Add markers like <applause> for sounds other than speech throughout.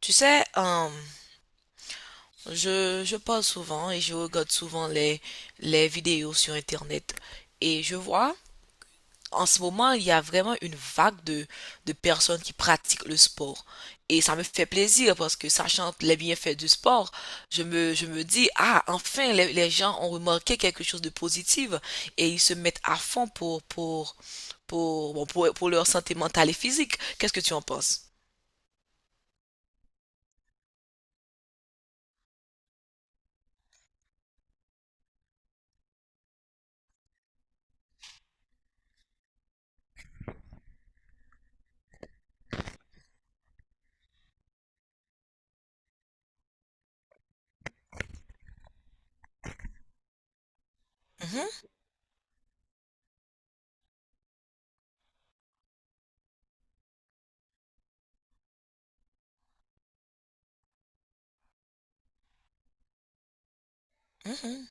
Tu sais, je parle souvent et je regarde souvent les vidéos sur Internet. Et je vois, en ce moment, il y a vraiment une vague de personnes qui pratiquent le sport. Et ça me fait plaisir parce que, sachant les bienfaits du sport, je me dis, ah, enfin, les gens ont remarqué quelque chose de positif et ils se mettent à fond pour leur santé mentale et physique. Qu'est-ce que tu en penses? Mhm, mhm.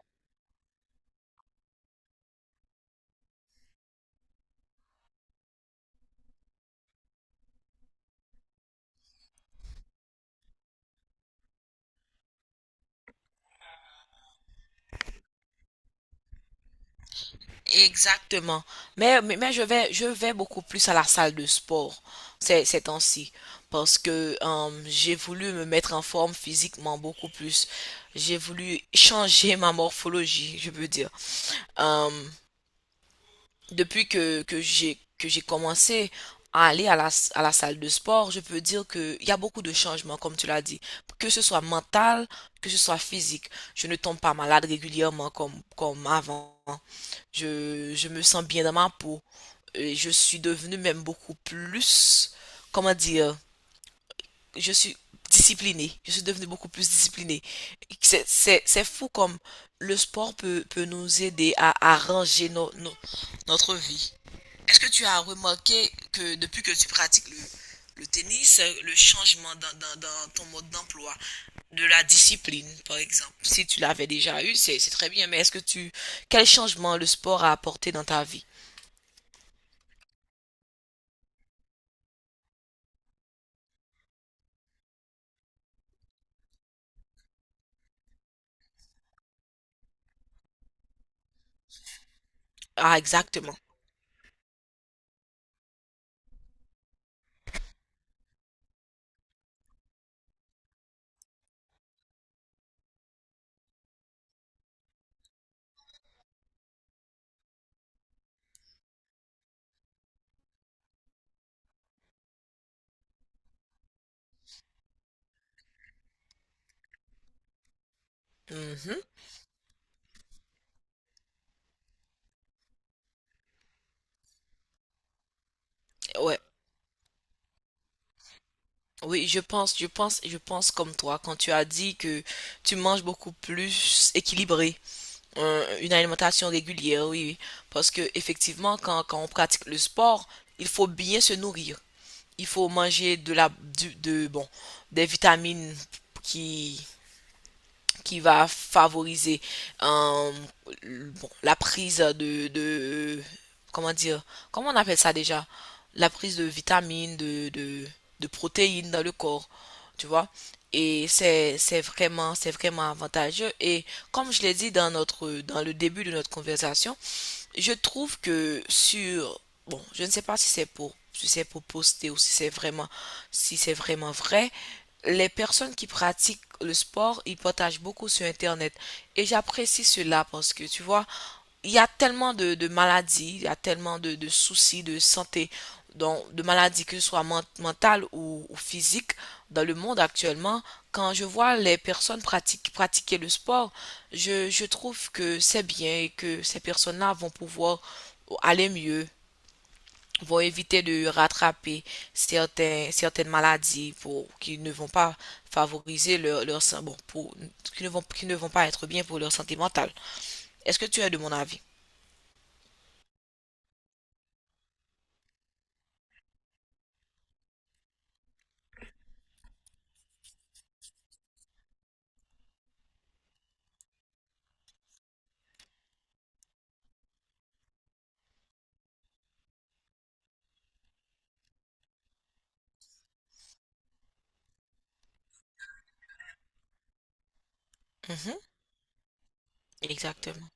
Exactement. Mais je vais beaucoup plus à la salle de sport ces temps-ci parce que, j'ai voulu me mettre en forme physiquement beaucoup plus. J'ai voulu changer ma morphologie, je peux dire. Euh, Depuis que j'ai commencé à aller à à la salle de sport, je peux dire qu'il y a beaucoup de changements, comme tu l'as dit, que ce soit mental, que ce soit physique. Je ne tombe pas malade régulièrement comme avant. Je me sens bien dans ma peau. Et je suis devenue même beaucoup plus, comment dire, je suis disciplinée. Je suis devenue beaucoup plus disciplinée. C'est fou comme le sport peut nous aider à arranger notre vie. Est-ce que tu as remarqué que depuis que tu pratiques le tennis, le changement dans ton mode d'emploi, de la discipline, par exemple, si tu l'avais déjà eu, c'est très bien, mais est-ce que tu, quel changement le sport a apporté dans ta vie? Ah, exactement. Mhm. Ouais. Oui, je pense comme toi quand tu as dit que tu manges beaucoup plus équilibré, une alimentation régulière, oui, oui. Parce que, effectivement, quand on pratique le sport, il faut bien se nourrir. Il faut manger de la, du, de, bon, des vitamines qui, qui va favoriser, euh, la prise comment dire, comment on appelle ça déjà, la prise de vitamines de protéines dans le corps, tu vois. Et c'est vraiment avantageux. Et comme je l'ai dit dans notre dans le début de notre conversation, je trouve que sur, bon, je ne sais pas si c'est pour poster ou si c'est si c'est vraiment vrai, les personnes qui pratiquent le sport, ils partagent beaucoup sur Internet. Et j'apprécie cela parce que, tu vois, il y a tellement de maladies, il y a tellement de soucis de santé, donc de maladies, que ce soit mentales ou physiques dans le monde actuellement. Quand je vois les personnes pratiquer le sport, je trouve que c'est bien et que ces personnes-là vont pouvoir aller mieux, vont éviter de rattraper certaines maladies qui ne vont pas favoriser leur, leur sa- bon, pour, qui ne vont pas être bien pour leur santé mentale. Est-ce que tu es de mon avis? Mhm, exactement.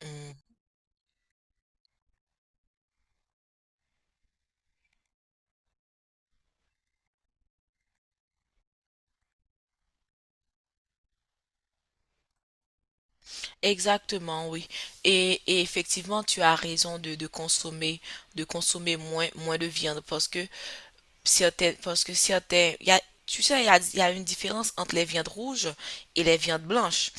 Mhm. Exactement, oui. Et et, effectivement, tu as raison de consommer moins de viande parce que certains, il y a, tu sais, il y a une différence entre les viandes rouges et les viandes blanches.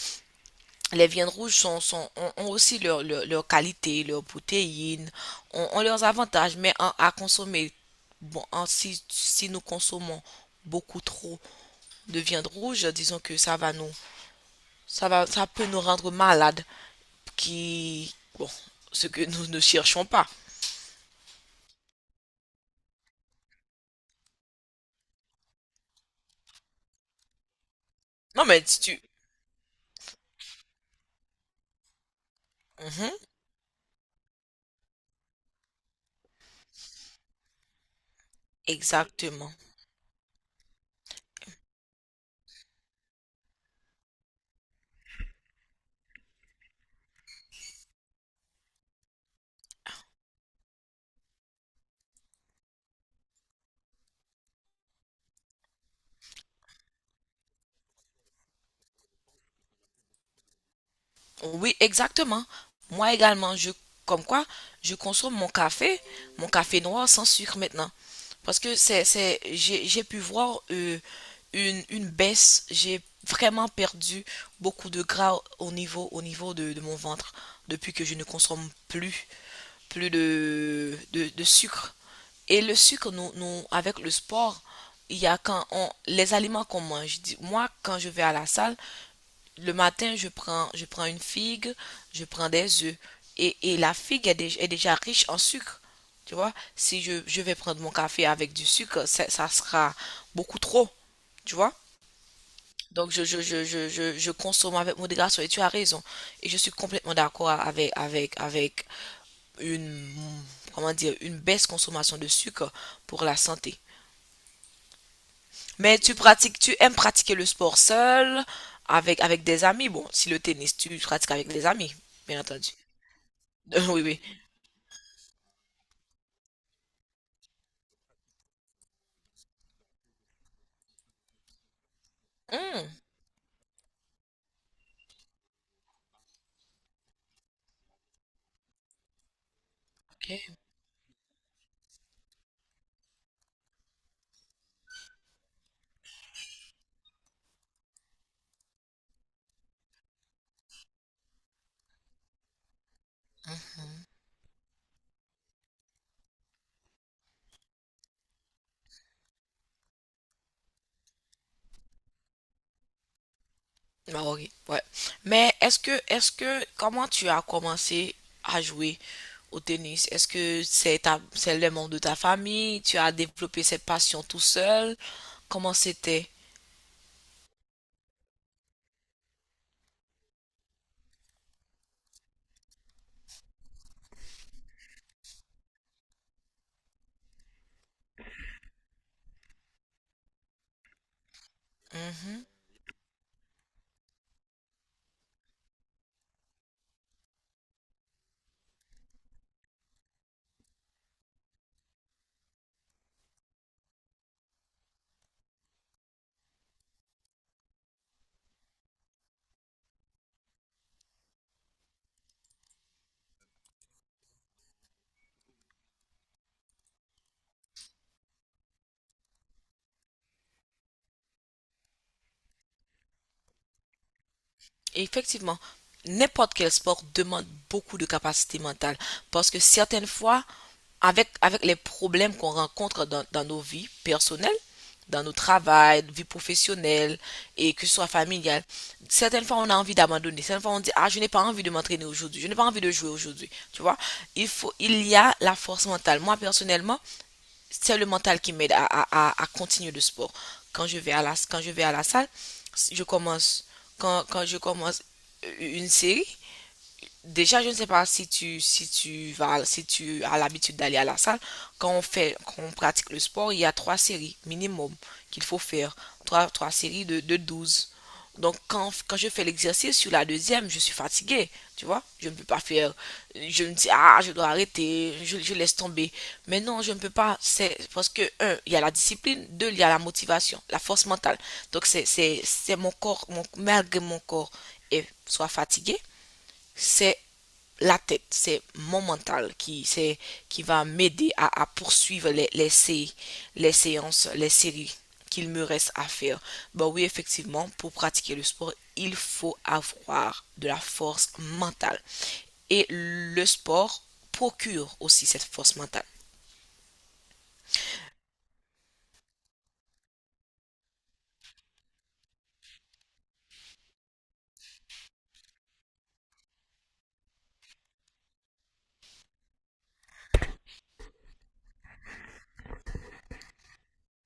Les viandes rouges ont aussi leur qualité, leurs protéines, ont leurs avantages, mais à consommer, bon, en- si, si nous consommons beaucoup trop de viande rouge, disons que ça va ça peut nous rendre malades, qui, bon, ce que nous ne cherchons pas. Non, mais si tu... Mhm, exactement. Oui, exactement. Moi également, je, comme quoi, je consomme mon café noir sans sucre maintenant. Parce que j'ai pu voir, une baisse. J'ai vraiment perdu beaucoup de gras au niveau de mon ventre depuis que je ne consomme plus de sucre. Et le sucre, avec le sport, il y a quand on, les aliments qu'on mange. Moi, quand je vais à la salle, le matin, je prends une figue, je prends des œufs. Et la figue est, est déjà riche en sucre. Tu vois, si je vais prendre mon café avec du sucre, ça sera beaucoup trop. Tu vois? Donc, je consomme avec modération. Et tu as raison. Et je suis complètement d'accord avec une, comment dire, une baisse consommation de sucre pour la santé. Mais tu pratiques, tu aimes pratiquer le sport seul, avec des amis. Bon, si le tennis, tu pratiques avec des amis, bien entendu. <laughs> Oui, oui. Hmm, ok. Hmm, ah, ok, ouais. Mais comment tu as commencé à jouer au tennis? Est-ce que c'est ta, c'est les membres de ta famille? Tu as développé cette passion tout seul? Comment c'était? Hmm, hmm. Et effectivement, n'importe quel sport demande beaucoup de capacité mentale parce que, certaines fois, avec les problèmes qu'on rencontre dans nos vies personnelles, dans nos travail, vie professionnelle, et que ce soit familiale, certaines fois on a envie d'abandonner, certaines fois on dit ah je n'ai pas envie de m'entraîner aujourd'hui, je n'ai pas envie de jouer aujourd'hui, tu vois. Il faut, il y a la force mentale. Moi personnellement, c'est le mental qui m'aide à continuer le sport. Quand je vais à la salle, je commence, quand je commence une série. Déjà, je ne sais pas si tu vas, si tu as l'habitude d'aller à la salle. Quand on pratique le sport, il y a 3 séries minimum qu'il faut faire. Trois séries de 12. Donc, quand je fais l'exercice sur la deuxième, je suis fatiguée, tu vois. Je ne peux pas faire. Je me dis, ah, je dois arrêter, je laisse tomber. Mais non, je ne peux pas. C'est parce que, un, il y a la discipline, deux, il y a la motivation, la force mentale. Donc, c'est mon corps, mon, malgré mon corps, et soit fatigué, c'est la tête, c'est mon mental qui va m'aider à poursuivre les séances, les séries qu'il me reste à faire. Bah oui, effectivement, pour pratiquer le sport, il faut avoir de la force mentale. Et le sport procure aussi cette force mentale.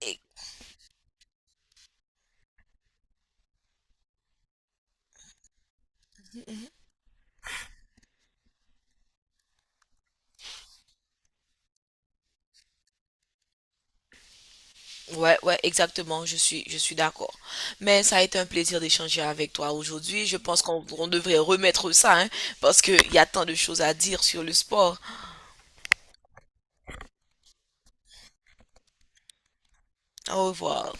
Et- ouais, ouais, exactement, je suis d'accord. Mais ça a été un plaisir d'échanger avec toi aujourd'hui. Je pense qu'on on devrait remettre ça, hein, parce qu'il y a tant de choses à dire sur le sport. Au revoir.